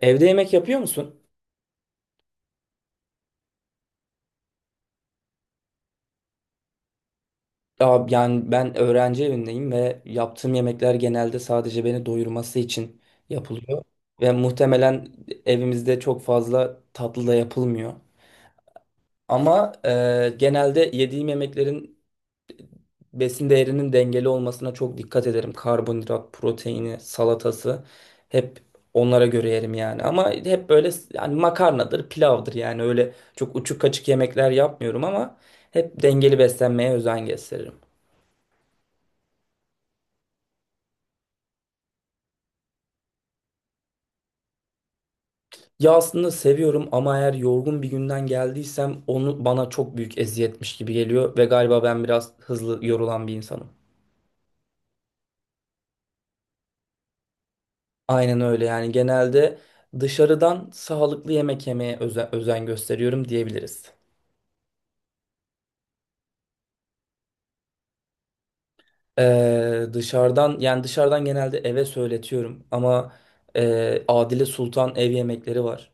Evde yemek yapıyor musun? Aa, yani ben öğrenci evindeyim ve yaptığım yemekler genelde sadece beni doyurması için yapılıyor. Ve muhtemelen evimizde çok fazla tatlı da yapılmıyor. Ama genelde yediğim yemeklerin besin değerinin dengeli olmasına çok dikkat ederim. Karbonhidrat, proteini, salatası hep onlara göre yerim yani. Ama hep böyle yani makarnadır, pilavdır yani öyle çok uçuk kaçık yemekler yapmıyorum ama hep dengeli beslenmeye özen gösteririm. Ya aslında seviyorum ama eğer yorgun bir günden geldiysem onu bana çok büyük eziyetmiş gibi geliyor ve galiba ben biraz hızlı yorulan bir insanım. Aynen öyle yani genelde dışarıdan sağlıklı yemek yemeye özen gösteriyorum diyebiliriz. Dışarıdan yani dışarıdan genelde eve söyletiyorum ama Adile Sultan ev yemekleri var.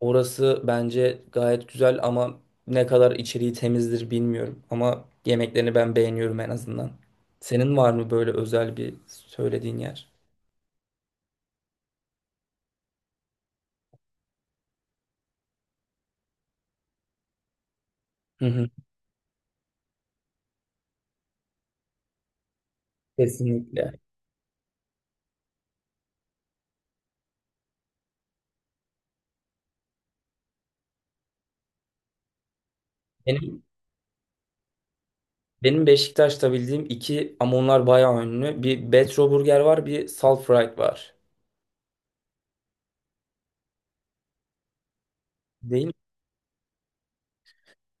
Orası bence gayet güzel ama ne kadar içeriği temizdir bilmiyorum ama yemeklerini ben beğeniyorum en azından. Senin var mı böyle özel bir söylediğin yer? Hı hı, kesinlikle. Benim benim Beşiktaş'ta bildiğim iki ama onlar bayağı ünlü. Bir Betro Burger var, bir Salt Fried var. Değil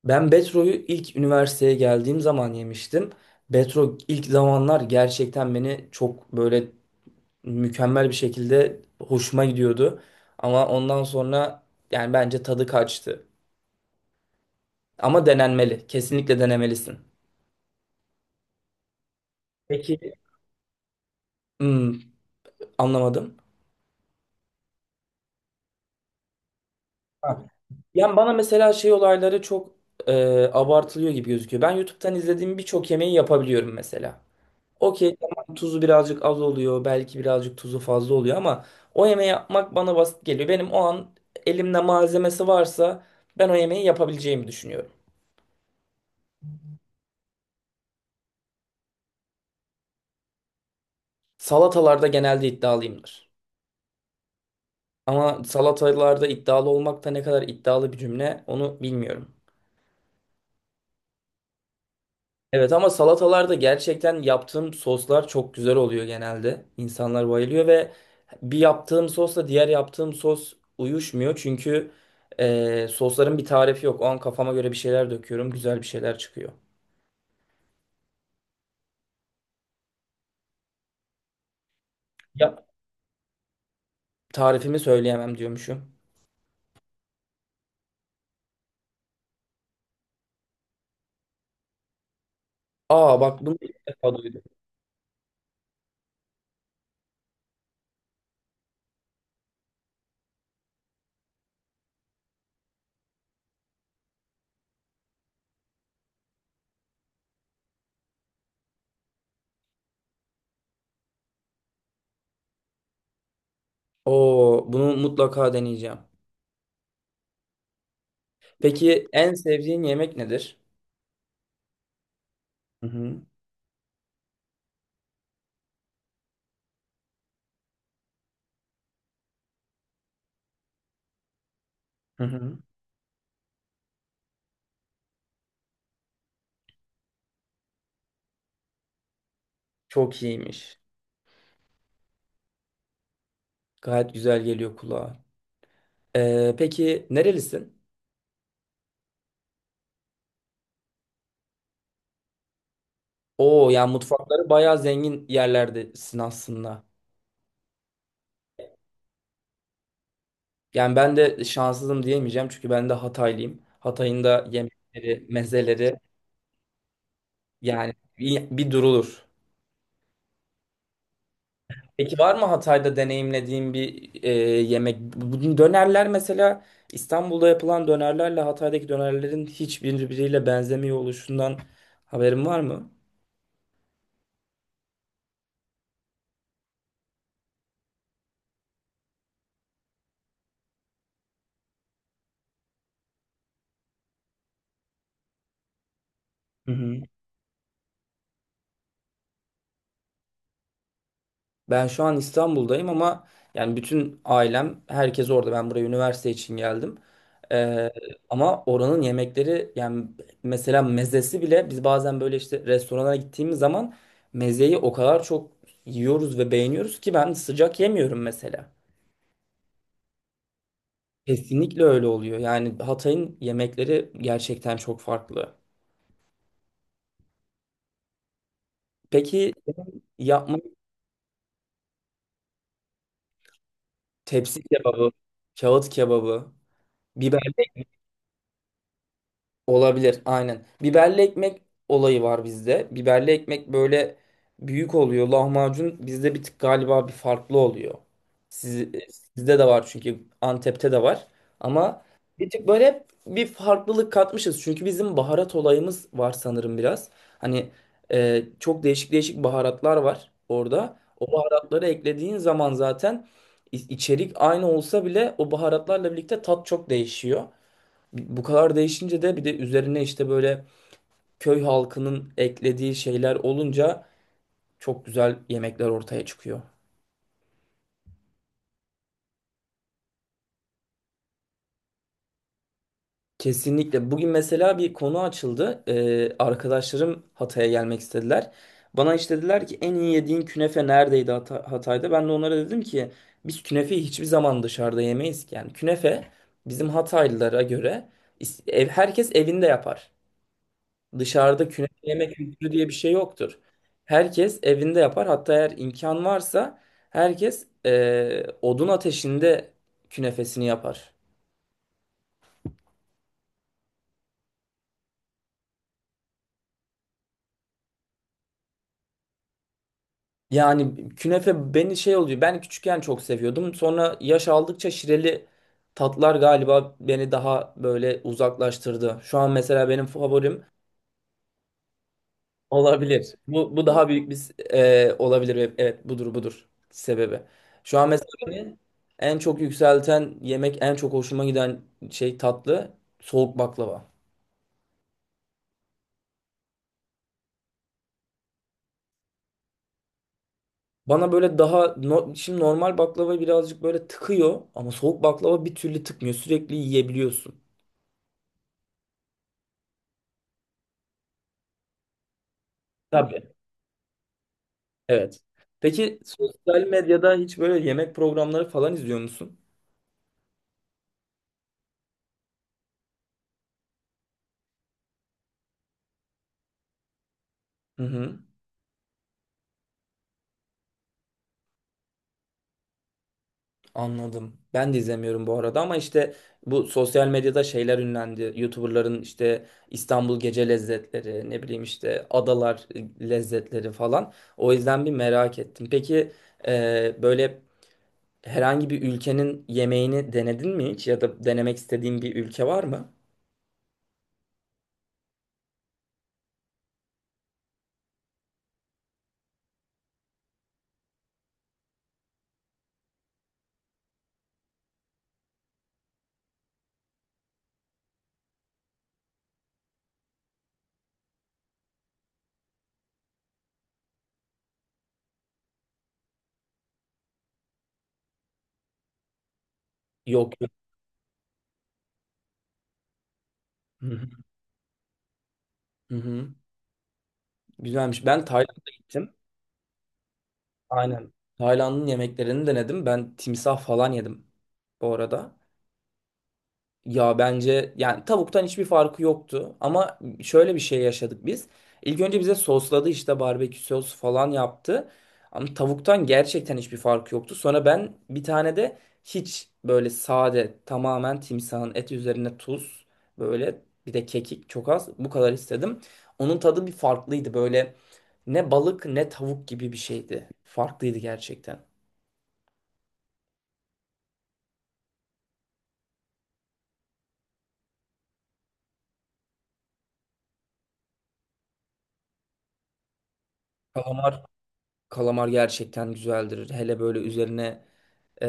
Ben Betro'yu ilk üniversiteye geldiğim zaman yemiştim. Betro ilk zamanlar gerçekten beni çok böyle mükemmel bir şekilde hoşuma gidiyordu. Ama ondan sonra yani bence tadı kaçtı. Ama denenmeli. Kesinlikle denemelisin. Peki. Hmm, anlamadım. ha, Yani bana mesela şey olayları çok e, abartılıyor gibi gözüküyor. Ben YouTube'dan izlediğim birçok yemeği yapabiliyorum mesela. Okey tamam tuzu birazcık az oluyor. Belki birazcık tuzu fazla oluyor ama o yemeği yapmak bana basit geliyor. Benim o an elimde malzemesi varsa ben o yemeği yapabileceğimi düşünüyorum. Salatalarda genelde iddialıyımdır. Ama salatalarda iddialı olmak da ne kadar iddialı bir cümle onu bilmiyorum. Evet ama salatalarda gerçekten yaptığım soslar çok güzel oluyor genelde. İnsanlar bayılıyor ve bir yaptığım sosla diğer yaptığım sos uyuşmuyor. Çünkü sosların bir tarifi yok. O an kafama göre bir şeyler döküyorum. Güzel bir şeyler çıkıyor. Ya, tarifimi söyleyemem diyormuşum. Aa, bak bunu ilk defa duydum. Oo, bunu mutlaka deneyeceğim. Peki en sevdiğin yemek nedir? Hı hı. Hı hı. Çok iyiymiş. Gayet güzel geliyor kulağa. Peki nerelisin? Oo, yani mutfakları bayağı zengin yerlerdesin aslında. Yani ben de şanssızım diyemeyeceğim çünkü ben de Hataylıyım. Hatay'ın da yemekleri, mezeleri yani bir durulur. Peki var mı Hatay'da deneyimlediğin bir yemek? Bu dönerler mesela İstanbul'da yapılan dönerlerle Hatay'daki dönerlerin hiçbiriyle benzemiyor oluşundan haberin var mı? Hı hı. Ben şu an İstanbul'dayım ama yani bütün ailem, herkes orada. Ben buraya üniversite için geldim. Ee, ama oranın yemekleri yani mesela mezesi bile biz bazen böyle işte restorana gittiğimiz zaman mezeyi o kadar çok yiyoruz ve beğeniyoruz ki ben sıcak yemiyorum mesela. Kesinlikle öyle oluyor. Yani Hatay'ın yemekleri gerçekten çok farklı. Peki yapma tepsi kebabı, kağıt kebabı, biber. Olabilir aynen. Biberli ekmek olayı var bizde. Biberli ekmek böyle büyük oluyor. Lahmacun bizde bir tık galiba bir farklı oluyor. Siz, e, sizde de var çünkü Antep'te de var. Ama bir tık böyle hep bir farklılık katmışız. Çünkü bizim baharat olayımız var sanırım biraz. Hani çok değişik değişik baharatlar var orada. O baharatları eklediğin zaman zaten içerik aynı olsa bile o baharatlarla birlikte tat çok değişiyor. Bu kadar değişince de bir de üzerine işte böyle köy halkının eklediği şeyler olunca çok güzel yemekler ortaya çıkıyor. Kesinlikle. Bugün mesela bir konu açıldı. Arkadaşlarım Hatay'a gelmek istediler. Bana işte dediler ki en iyi yediğin künefe neredeydi Hatay'da? Ben de onlara dedim ki biz künefeyi hiçbir zaman dışarıda yemeyiz ki. Yani künefe bizim Hataylılara göre herkes evinde yapar. Dışarıda künefe yemek kültürü diye bir şey yoktur. Herkes evinde yapar. Hatta eğer imkan varsa herkes odun ateşinde künefesini yapar. Yani künefe beni şey oluyor. Ben küçükken çok seviyordum. Sonra yaş aldıkça şireli tatlar galiba beni daha böyle uzaklaştırdı. Şu an mesela benim favorim. Olabilir. Bu daha büyük bir olabilir. Evet, evet, budur budur sebebi. Şu an mesela beni en çok yükselten yemek, en çok hoşuma giden şey tatlı soğuk baklava. Bana böyle daha şimdi normal baklava birazcık böyle tıkıyor ama soğuk baklava bir türlü tıkmıyor. Sürekli yiyebiliyorsun. Tabii. Evet. Peki sosyal medyada hiç böyle yemek programları falan izliyor musun? Hı hı. Anladım. Ben de izlemiyorum bu arada ama işte bu sosyal medyada şeyler ünlendi. YouTuber'ların işte İstanbul gece lezzetleri, ne bileyim işte adalar lezzetleri falan. O yüzden bir merak ettim. Peki böyle herhangi bir ülkenin yemeğini denedin mi hiç ya da denemek istediğin bir ülke var mı? Yok yok. Hı hı. Hı hı. Güzelmiş. Ben Tayland'a gittim. Aynen. Tayland'ın yemeklerini denedim. Ben timsah falan yedim bu arada. Ya bence yani tavuktan hiçbir farkı yoktu ama şöyle bir şey yaşadık biz. İlk önce bize sosladı işte barbekü sosu falan yaptı. Ama tavuktan gerçekten hiçbir farkı yoktu. Sonra ben bir tane de hiç böyle sade tamamen timsahın eti üzerine tuz böyle bir de kekik çok az bu kadar istedim. Onun tadı bir farklıydı böyle ne balık ne tavuk gibi bir şeydi. Farklıydı gerçekten. Kalamar Kalamar gerçekten güzeldir. Hele böyle üzerine e,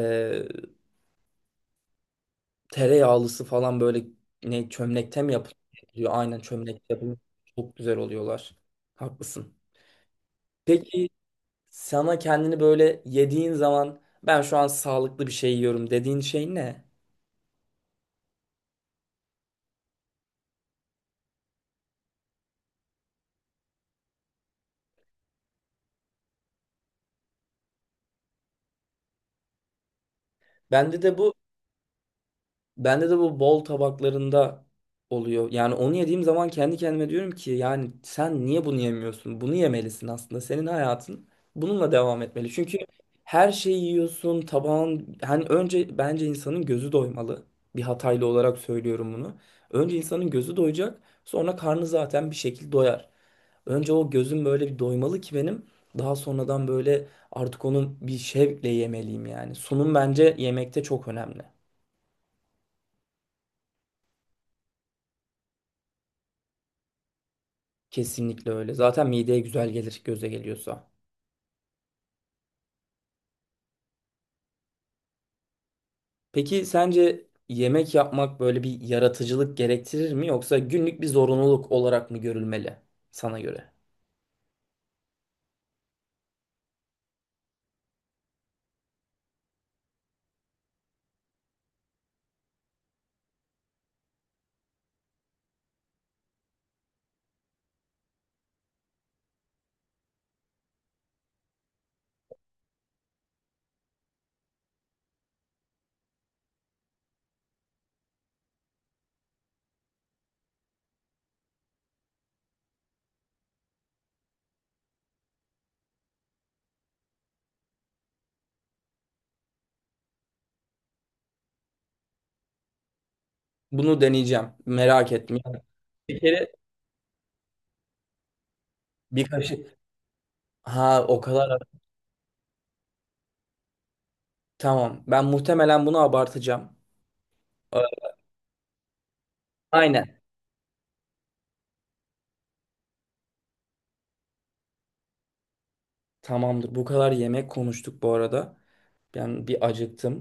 tereyağlısı falan böyle ne çömlekte mi yapılıyor? Aynen çömlekte yapılıyor. Çok güzel oluyorlar. Haklısın. Peki sana kendini böyle yediğin zaman ben şu an sağlıklı bir şey yiyorum dediğin şey ne? Bende de bu Bende de bu bol tabaklarında oluyor. Yani onu yediğim zaman kendi kendime diyorum ki yani sen niye bunu yemiyorsun? Bunu yemelisin aslında. Senin hayatın bununla devam etmeli. Çünkü her şeyi yiyorsun, tabağın hani önce bence insanın gözü doymalı. Bir Hataylı olarak söylüyorum bunu. Önce insanın gözü doyacak, sonra karnı zaten bir şekilde doyar. Önce o gözüm böyle bir doymalı ki benim. Daha sonradan böyle artık onu bir şevkle yemeliyim yani. Sunum bence yemekte çok önemli. Kesinlikle öyle. Zaten mideye güzel gelir göze geliyorsa. Peki sence yemek yapmak böyle bir yaratıcılık gerektirir mi yoksa günlük bir zorunluluk olarak mı görülmeli sana göre? Bunu deneyeceğim. Merak etme. Yani bir kere bir kaşık. Ha o kadar. Tamam. Ben muhtemelen bunu abartacağım. Ee, Aynen. Tamamdır. Bu kadar yemek konuştuk bu arada. Ben bir acıktım.